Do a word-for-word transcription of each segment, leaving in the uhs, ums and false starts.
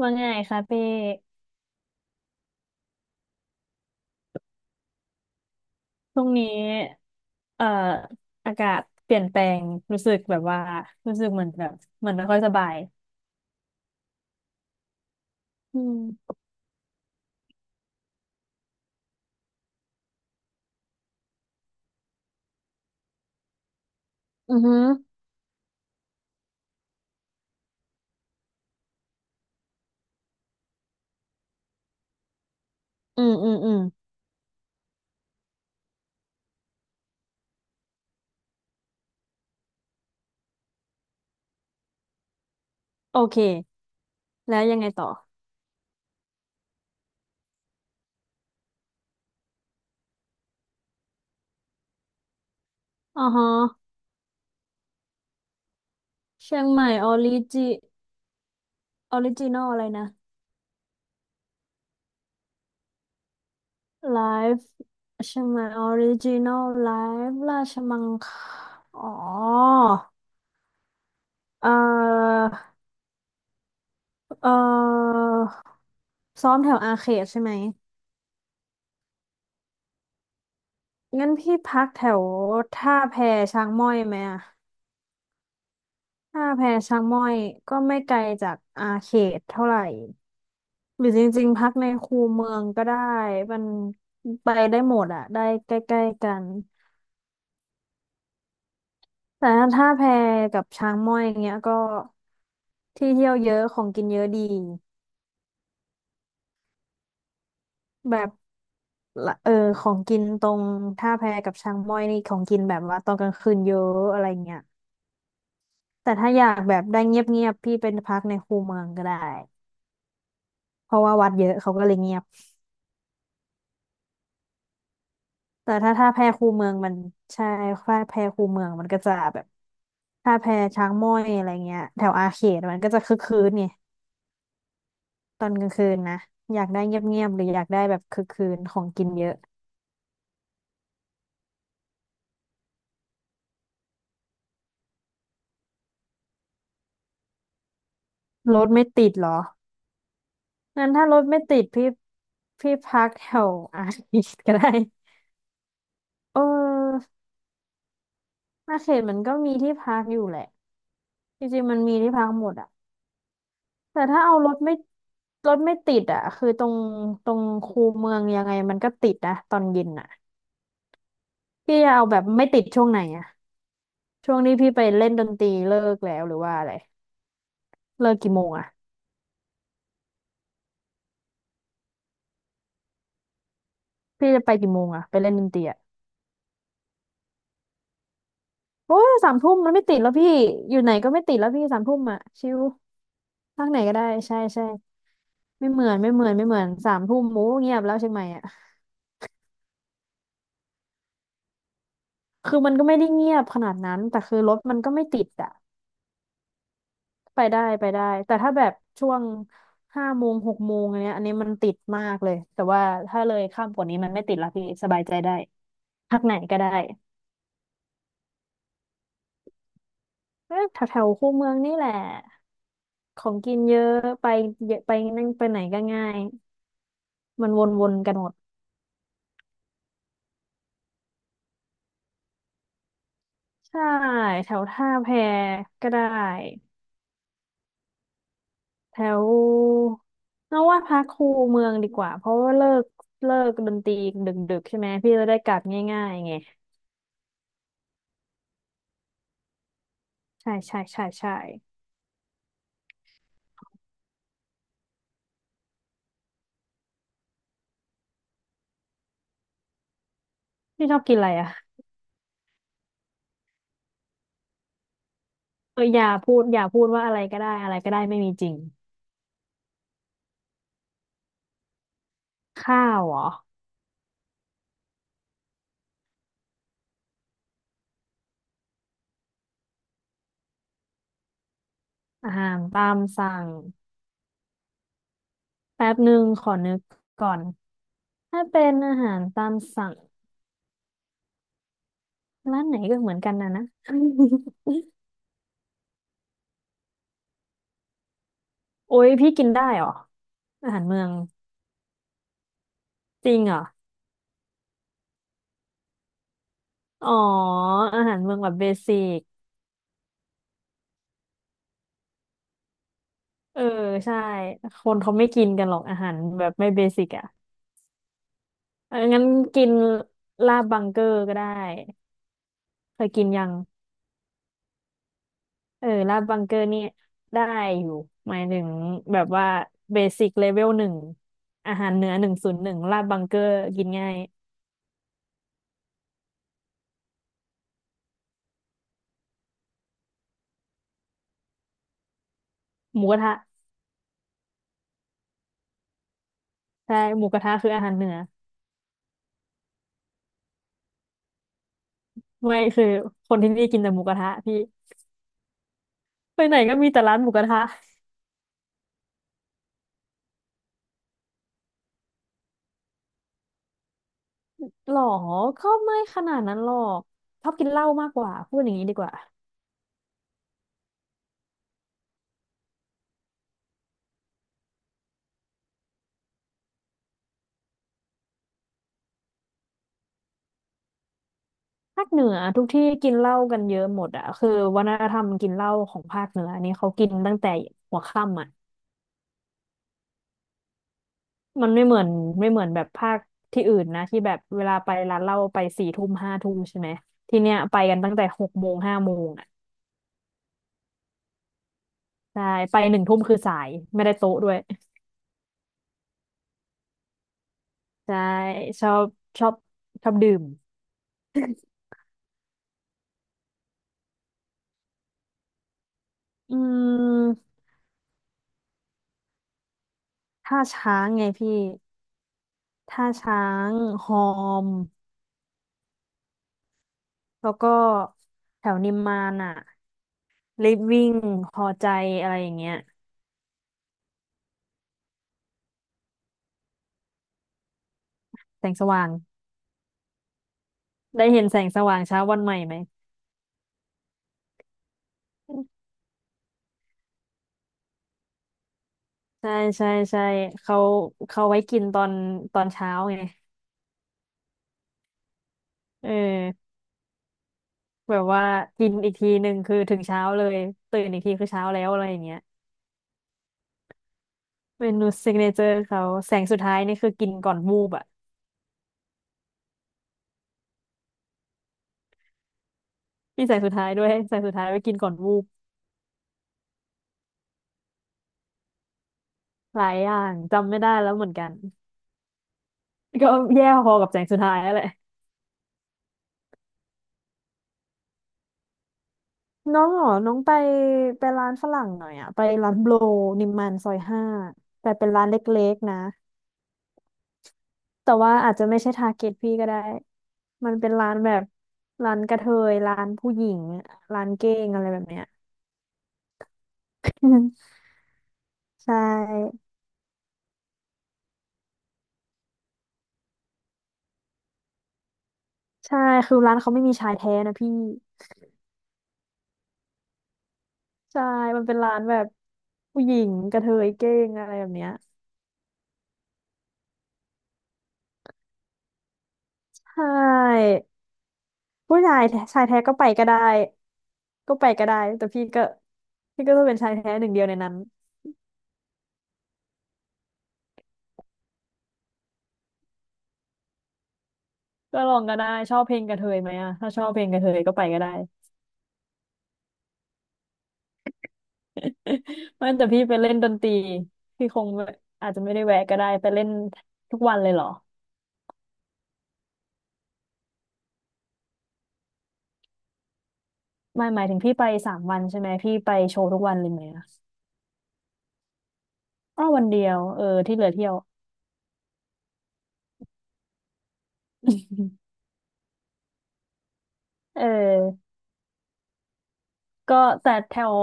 ว่าไงคะเป้ช่วงนี้เอ่ออากาศเปลี่ยนแปลง รู้สึกแบบว่า รู้สึกเหมือนแบบเหมือนไม่ค่อยสบาย อืมอือฮึอืมอืมอืมโอเค แล้วยังไงต่ออ๋อฮะเชียงใหม่ออริจิออริจินอลอะไรนะไลฟ์เชียงใหม่ออริจินอลไลฟ์ราชมังคอ๋อ เอ่อเอ่อซ้อมแถวอาเขตใช่ไหม งั้นพี่พักแถวท่าแพช้างม้อยไหมอะท่าแพช้างม้อยก็ไม่ไกลจากอาเขตเท่าไหร่หรือจริงๆพักในคูเมืองก็ได้มันไปได้หมดอะได้ใกล้ๆกันแต่ถ้าท่าแพกับช้างม้อยอย่างเงี้ยก็ที่เที่ยวเยอะของกินเยอะดีแบบละเออของกินตรงท่าแพกับช้างม้อยนี่ของกินแบบว่าตอนกลางคืนเยอะอะไรเงี้ยแต่ถ้าอยากแบบได้เงียบๆพี่เป็นพักในคูเมืองก็ได้ เพราะว่าวัดเยอะเขาก็เลยเงียบแต่ถ้าถ้าแพคูเมืองมันใช่ถ้าแพคูเมืองมันก็จะแบบถ้าแพช้างม้อยอะไรเงี้ยแถวอาเขตมันก็จะคึกคืนไงตอนกลางคืนนะอยากได้เงียบๆหรืออยากได้แบบคึกคืนของกินเยอะรถไม่ติดเหรองั้นถ้ารถไม่ติดพี่พี่พักแถวอาเขตก็ได้เอออาเขตมันก็มีที่พักอยู่แหละจริงๆมันมีที่พักหมดอะ แต่ถ้าเอารถไม่รถไม่ติดอ่ะคือตรงตรงคูเมืองยังไงมันก็ติดนะตอนเย็นอ่ะพี่จะเอาแบบไม่ติดช่วงไหนอ่ะช่วงนี้พี่ไปเล่นดนตรีเลิกแล้วหรือว่าอะไรเลิกกี่โมงอ่ะพี่จะไปกี่โมงอ่ะไปเล่นดนตรีอ่ะโอ้ยสามทุ่มมันไม่ติดแล้วพี่อยู่ไหนก็ไม่ติดแล้วพี่สามทุ่มอ่ะชิวพักไหนก็ได้ใช่ใช่ไม่เหมือนไม่เหมือนไม่เหมือนสามทุ่มโอ้เงียบแล้วเชียงใหม่อ่ะคือมันก็ไม่ได้เงียบขนาดนั้นแต่คือรถมันก็ไม่ติดอ่ะ ไปได้ไปได้แต่ถ้าแบบช่วงห้าโมงหกโมงอันเนี้ยอันนี้มันติดมากเลยแต่ว่าถ้าเลยข้ามกว่านี้มันไม่ติดละพี่สบายใจได้พักไหนก็ได้เออแถวๆคูเมืองนี่แหละของกินเยอะไปเยอะไปนั่งไปไหนก็ง่ายมันวนๆกันหมดใช่แถวท่าแพก็ได้แถวเอาว่าพักคูเมืองดีกว่าเพราะว่าเลิกเลิกดนตรีดึกๆใช่ไหมพี่จะได้กลับง่ายๆไงใช่ใช่ใช่ใช่ พี่ชอบกินอะไรอ่ะเอออย่าพูดอย่าพูดว่าอะไรก็ได้อะไรก็ได้ไม่มีจริงข้าวเหรออาหารตามสั่งแป๊บหนึ่งขอนึกก่อนถ้าเป็นอาหารตามสั่งร้านไหนก็เหมือนกันนะนะ โอ้ยพี่กินได้เหรออาหารเมืองจริงเหรออ๋ออาหารเมืองแบบเบสิกเออใช่คนเขาไม่กินกันหรอกอาหารแบบไม่เบสิกอ่ะเอองั้นกินลาบบังเกอร์ก็ได้เคยกินยัง เออลาดบังเกอร์นี่ได้อยู่หมายถึงแบบว่าเบสิกเลเวลหนึ่งอาหารเหนือหนึ่งศูนย์หนึ่งลาดบังเกอร์กินง่ายหมูกระทะใช่หมูกระทะคืออาหารเหนือไม่คือคนที่นี่กินแต่หมูกระทะพี่ไปไหนก็มีแต่ร้านหมูกระทะหรอก็ไม่ขนาดนั้นหรอกชอบกินเหล้ามากกว่าพูดอย่างนี้ดีกว่าภาคเหนือทุกที่กินเหล้ากันเยอะหมดอะคือวัฒนธรรมกินเหล้าของภาคเหนืออันนี้เขากินตั้งแต่หัวค่ำอะ มันไม่เหมือนไม่เหมือนแบบภาคที่อื่นนะที่แบบเวลาไปร้านเหล้าไปสี่ทุ่มห้าทุ่มใช่ไหมที่เนี้ยไปกันตั้งแต่หกโมงห้าโมงอ่ะใช่ไปหนึ่งทุ่มคือสายไม่ได้โต๊ะด้วยใช่ชอบชอบชอบดื่มอืมท่าช้างไงพี่ท่าช้างฮอมแล้วก็แถวนิมมานอ่ะลิฟวิ่งพอใจอะไรอย่างเงี้ยแสงสว่างได้เห็นแสงสว่างเช้าวันใหม่ไหม ใช่ใช่ใช่เขาเขาไว้กินตอนตอนเช้าไงเออแบบว่ากินอีกทีหนึ่งคือถึงเช้าเลยตื่นอีกทีคือเช้าแล้วอะไรอย่างเงี้ยเมนูซิกเนเจอร์เขาแสงสุดท้ายนี่คือกินก่อนวูบอ่ะมีแสงสุดท้ายด้วยแสงสุดท้ายไว้กินก่อนวูบหลายอย่างจำไม่ได้แล้วเหมือนกัน ก็แย่พอกับแสงสุดท้ายนั่นแหละน้องเหรอน้องไปไปร้านฝรั่งหน่อยอะไปร้านโบรนิมมานซอยห้าแต่เป็นร้านเล็กๆนะแต่ว่าอาจจะไม่ใช่ทาร์เก็ตพี่ก็ได้ มันเป็นร้านแบบร้านกระเทยร้านผู้หญิงร้านเก้งอะไรแบบเนี้ย ใช่ใช่คือร้านเขาไม่มีชายแท้นะพี่ใช่มันเป็นร้านแบบผู้หญิงกระเทยเก้งอะไรแบบเนี้ยใช่ผู้ชายแท้ชายแท้ก็ไปก็ได้ก็ไปก็ได้แต่พี่ก็พี่ก็ต้องเป็นชายแท้หนึ่งเดียวในนั้นก็ลองก็ได้ชอบเพลงกระเทยไหมอะถ้าชอบเพลงกระเทยก็ไปก็ได้ ไม่แต่พี่ไปเล่นดนตรีพี่คงแบบอาจจะไม่ได้แวะก็ได้ไปเล่นทุกวันเลยเหรอ ไม่หมายถึงพี่ไปสามวันใช่ไหมพี่ไปโชว์ทุกวันเลยไหมอะอ้อวันเดียวเออที่เหลือเที่ยว เออก็แต่แถว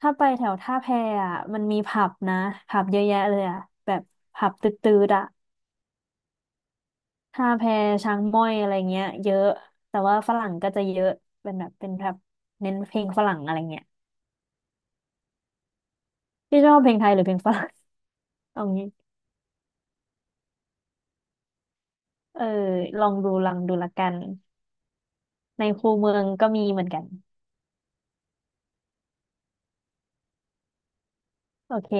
ถ้าไปแถวท่าแพอ่ะมันมีผับนะผับเยอะแยะเลยอ่ะแบบผับตืดๆอ่ะท่าแพช้างม้อยอะไรเงี้ยเยอะแต่ว่าฝรั่งก็จะเยอะเป็นแบบเป็นแบบเน้นเพลงฝรั่งอะไรเงี้ยพี่ชอบเพลงไทยหรือเพลงฝรั่ง เอางี้เออลองดูลังดูละกันในคูเมืองก็มีเหมือนกันโอเค